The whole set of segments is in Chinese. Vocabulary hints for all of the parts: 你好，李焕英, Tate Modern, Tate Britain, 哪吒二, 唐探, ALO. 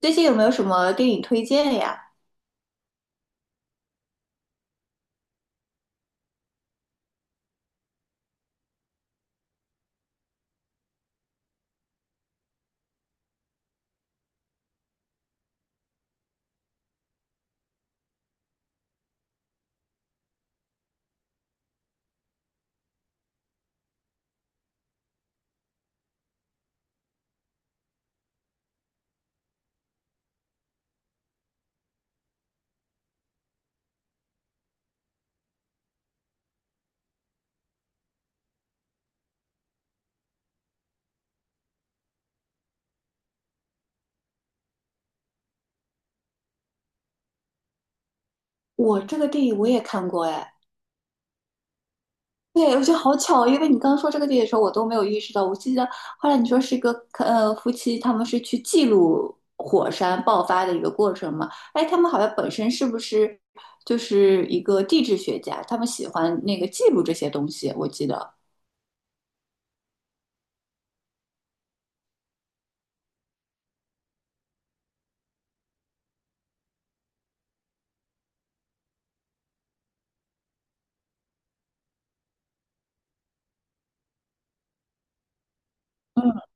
最近有没有什么电影推荐呀？我这个电影我也看过哎。对，我觉得好巧，因为你刚刚说这个电影的时候，我都没有意识到。我记得后来你说是一个夫妻，他们是去记录火山爆发的一个过程嘛？哎，他们好像本身是不是就是一个地质学家？他们喜欢那个记录这些东西，我记得。嗯。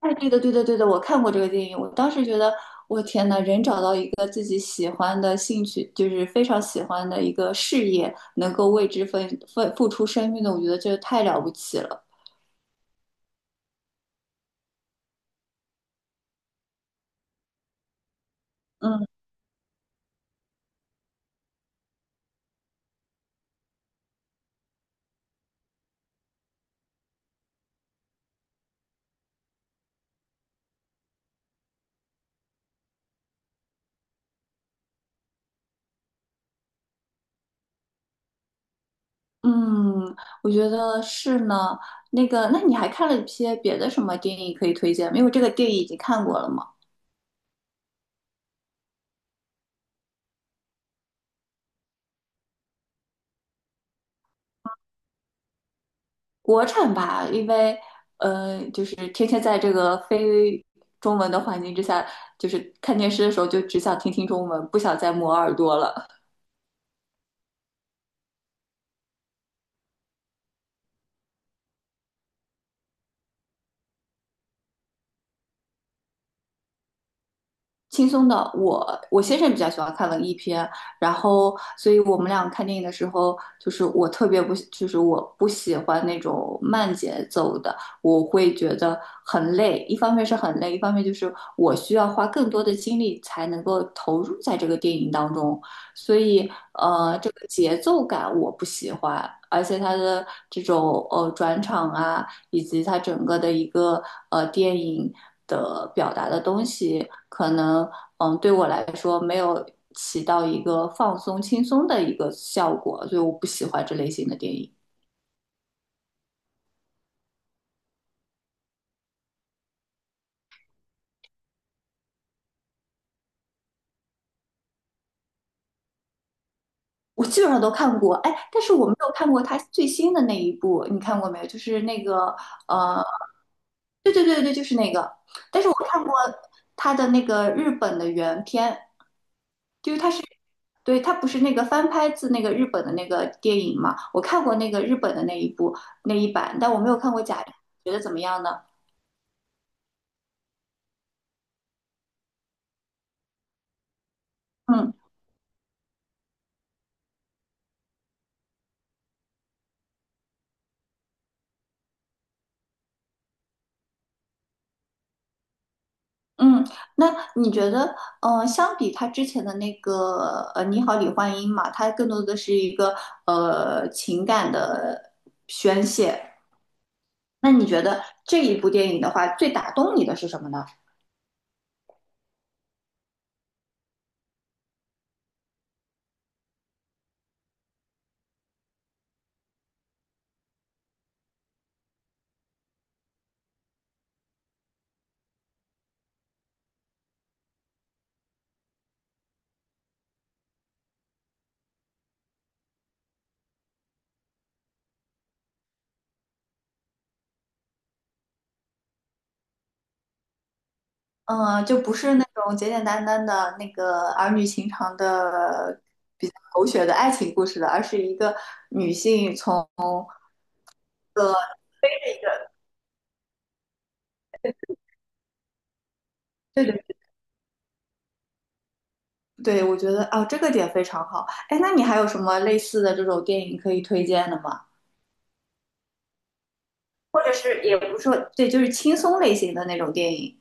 哎，对的，对的，对的，我看过这个电影，我当时觉得，我天呐，人找到一个自己喜欢的兴趣，就是非常喜欢的一个事业，能够为之奋付出生命的，我觉得这太了不起了。嗯嗯，我觉得是呢。那个，那你还看了一些别的什么电影可以推荐吗？因为这个电影已经看过了嘛。国产吧，因为就是天天在这个非中文的环境之下，就是看电视的时候就只想听听中文，不想再磨耳朵了。轻松的，我先生比较喜欢看文艺片，然后所以我们俩看电影的时候，就是我特别不喜就是我不喜欢那种慢节奏的，我会觉得很累。一方面是很累，一方面就是我需要花更多的精力才能够投入在这个电影当中，所以这个节奏感我不喜欢，而且它的这种转场啊。以及它整个的一个电影的表达的东西，可能嗯对我来说没有起到一个放松轻松的一个效果，所以我不喜欢这类型的电影。我基本上都看过，哎，但是我没有看过他最新的那一部，你看过没有？就是那个呃，对对对对，就是那个，但是我看过他的那个日本的原片。对，它不是那个翻拍自那个日本的那个电影嘛？我看过那个日本的那一部那一版，但我没有看过假，觉得怎么样呢？嗯嗯，那你觉得，相比他之前的那个《你好，李焕英》嘛，它更多的是一个情感的宣泄。那你觉得这一部电影的话，最打动你的是什么呢？嗯，就不是那种简简单单的那个儿女情长的比较狗血的爱情故事了，而是一个女性从对对对，我觉得哦，这个点非常好。哎，那你还有什么类似的这种电影可以推荐的吗？或者是也不是说对，就是轻松类型的那种电影。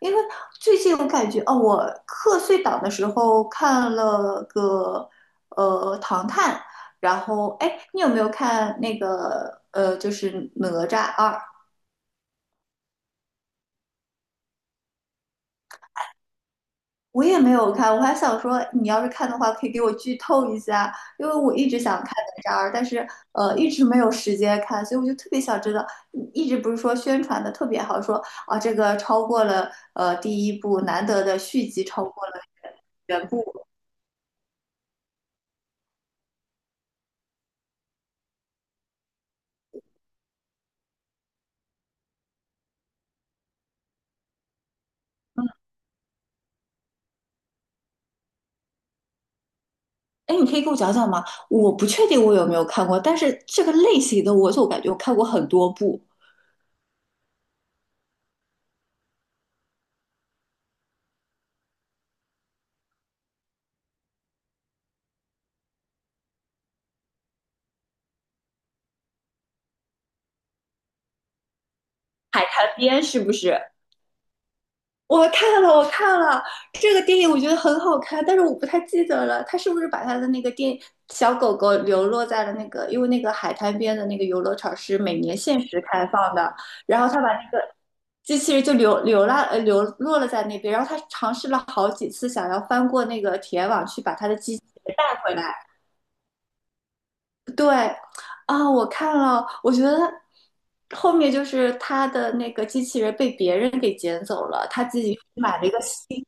因为最近我感觉哦，我课碎档的时候看了个《唐探》，然后哎，你有没有看那个就是《哪吒二》？我也没有看，我还想说，你要是看的话，可以给我剧透一下，因为我一直想看哪吒二，但是一直没有时间看，所以我就特别想知道。嗯一直不是说宣传的特别好，说啊这个超过了第一部，难得的续集超过了原部。嗯，哎，你可以给我讲讲吗？我不确定我有没有看过，但是这个类型的我总感觉我看过很多部。改编是不是？我看了，我看了这个电影，我觉得很好看，但是我不太记得了，他是不是把他的那个小狗狗流落在了那个，因为那个海滩边的那个游乐场是每年限时开放的，然后他把那个机器人就流落了在那边，然后他尝试了好几次想要翻过那个铁网去把他的机器人带回来。对，啊，我看了，我觉得后面就是他的那个机器人被别人给捡走了，他自己买了一个新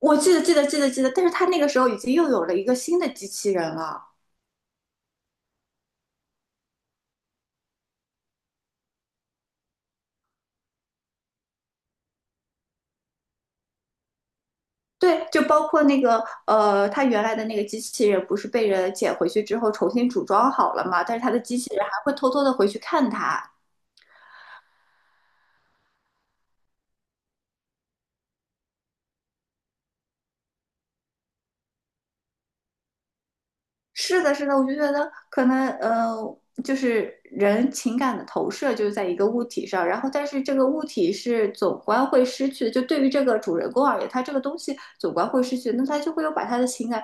我记得记得记得记得，但是他那个时候已经又有了一个新的机器人了。对，就包括那个他原来的那个机器人不是被人捡回去之后重新组装好了嘛？但是他的机器人还会偷偷的回去看他。是的，是的，我就觉得可能就是人情感的投射就是在一个物体上，然后但是这个物体是总观会失去的，就对于这个主人公而言，他这个东西总观会失去，那他就会有把他的情感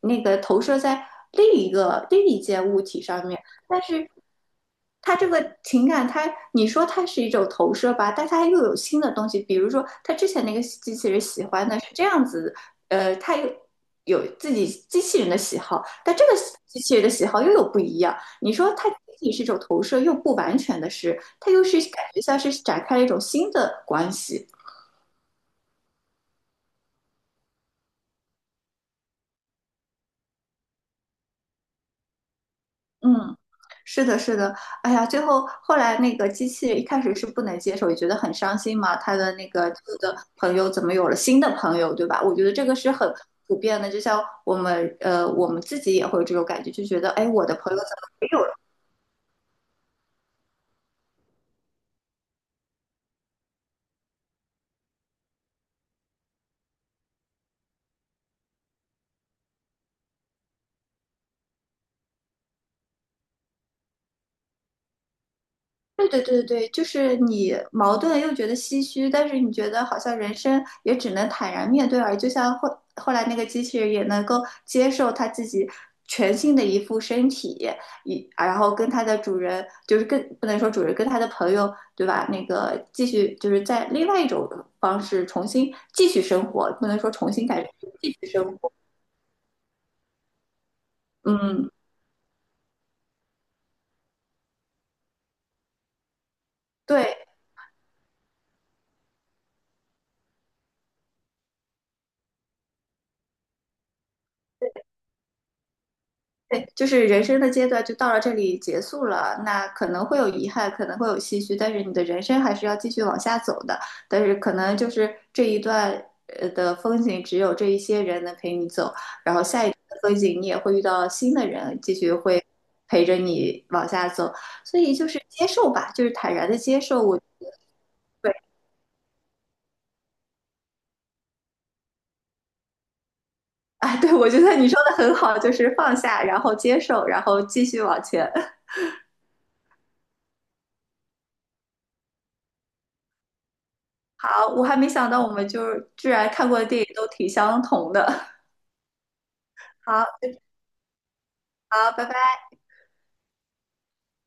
那个投射在另一件物体上面，但是他这个情感，他你说它是一种投射吧，但它又有新的东西，比如说他之前那个机器人喜欢的是这样子他有自己机器人的喜好，但这个机器人的喜好又有不一样。你说它仅仅是一种投射，又不完全的是，它又是感觉像是展开了一种新的关系。嗯，是的，是的。哎呀，最后后来那个机器人一开始是不能接受，也觉得很伤心嘛。他的那个旧的朋友怎么有了新的朋友，对吧？我觉得这个是很普遍的，就像我们自己也会有这种感觉，就觉得，哎，我的朋友怎么没有对对对对，就是你矛盾又觉得唏嘘，但是你觉得好像人生也只能坦然面对而已，就像后来那个机器人也能够接受它自己全新的一副身体，然后跟它的主人，就是跟不能说主人跟他的朋友，对吧？那个继续就是在另外一种方式重新继续生活，不能说重新改变，继续生活。嗯，对。对，就是人生的阶段就到了这里结束了，那可能会有遗憾，可能会有唏嘘，但是你的人生还是要继续往下走的。但是可能就是这一段的风景，只有这一些人能陪你走，风景你也会遇到新的人，继续会陪着你往下走。所以就是接受吧，就是坦然的接受。我对，啊，对，我觉得你说的很好，就是放下，然后接受，然后继续往前。好，我还没想到我们就是居然看过的电影都挺相同的。好好，拜拜。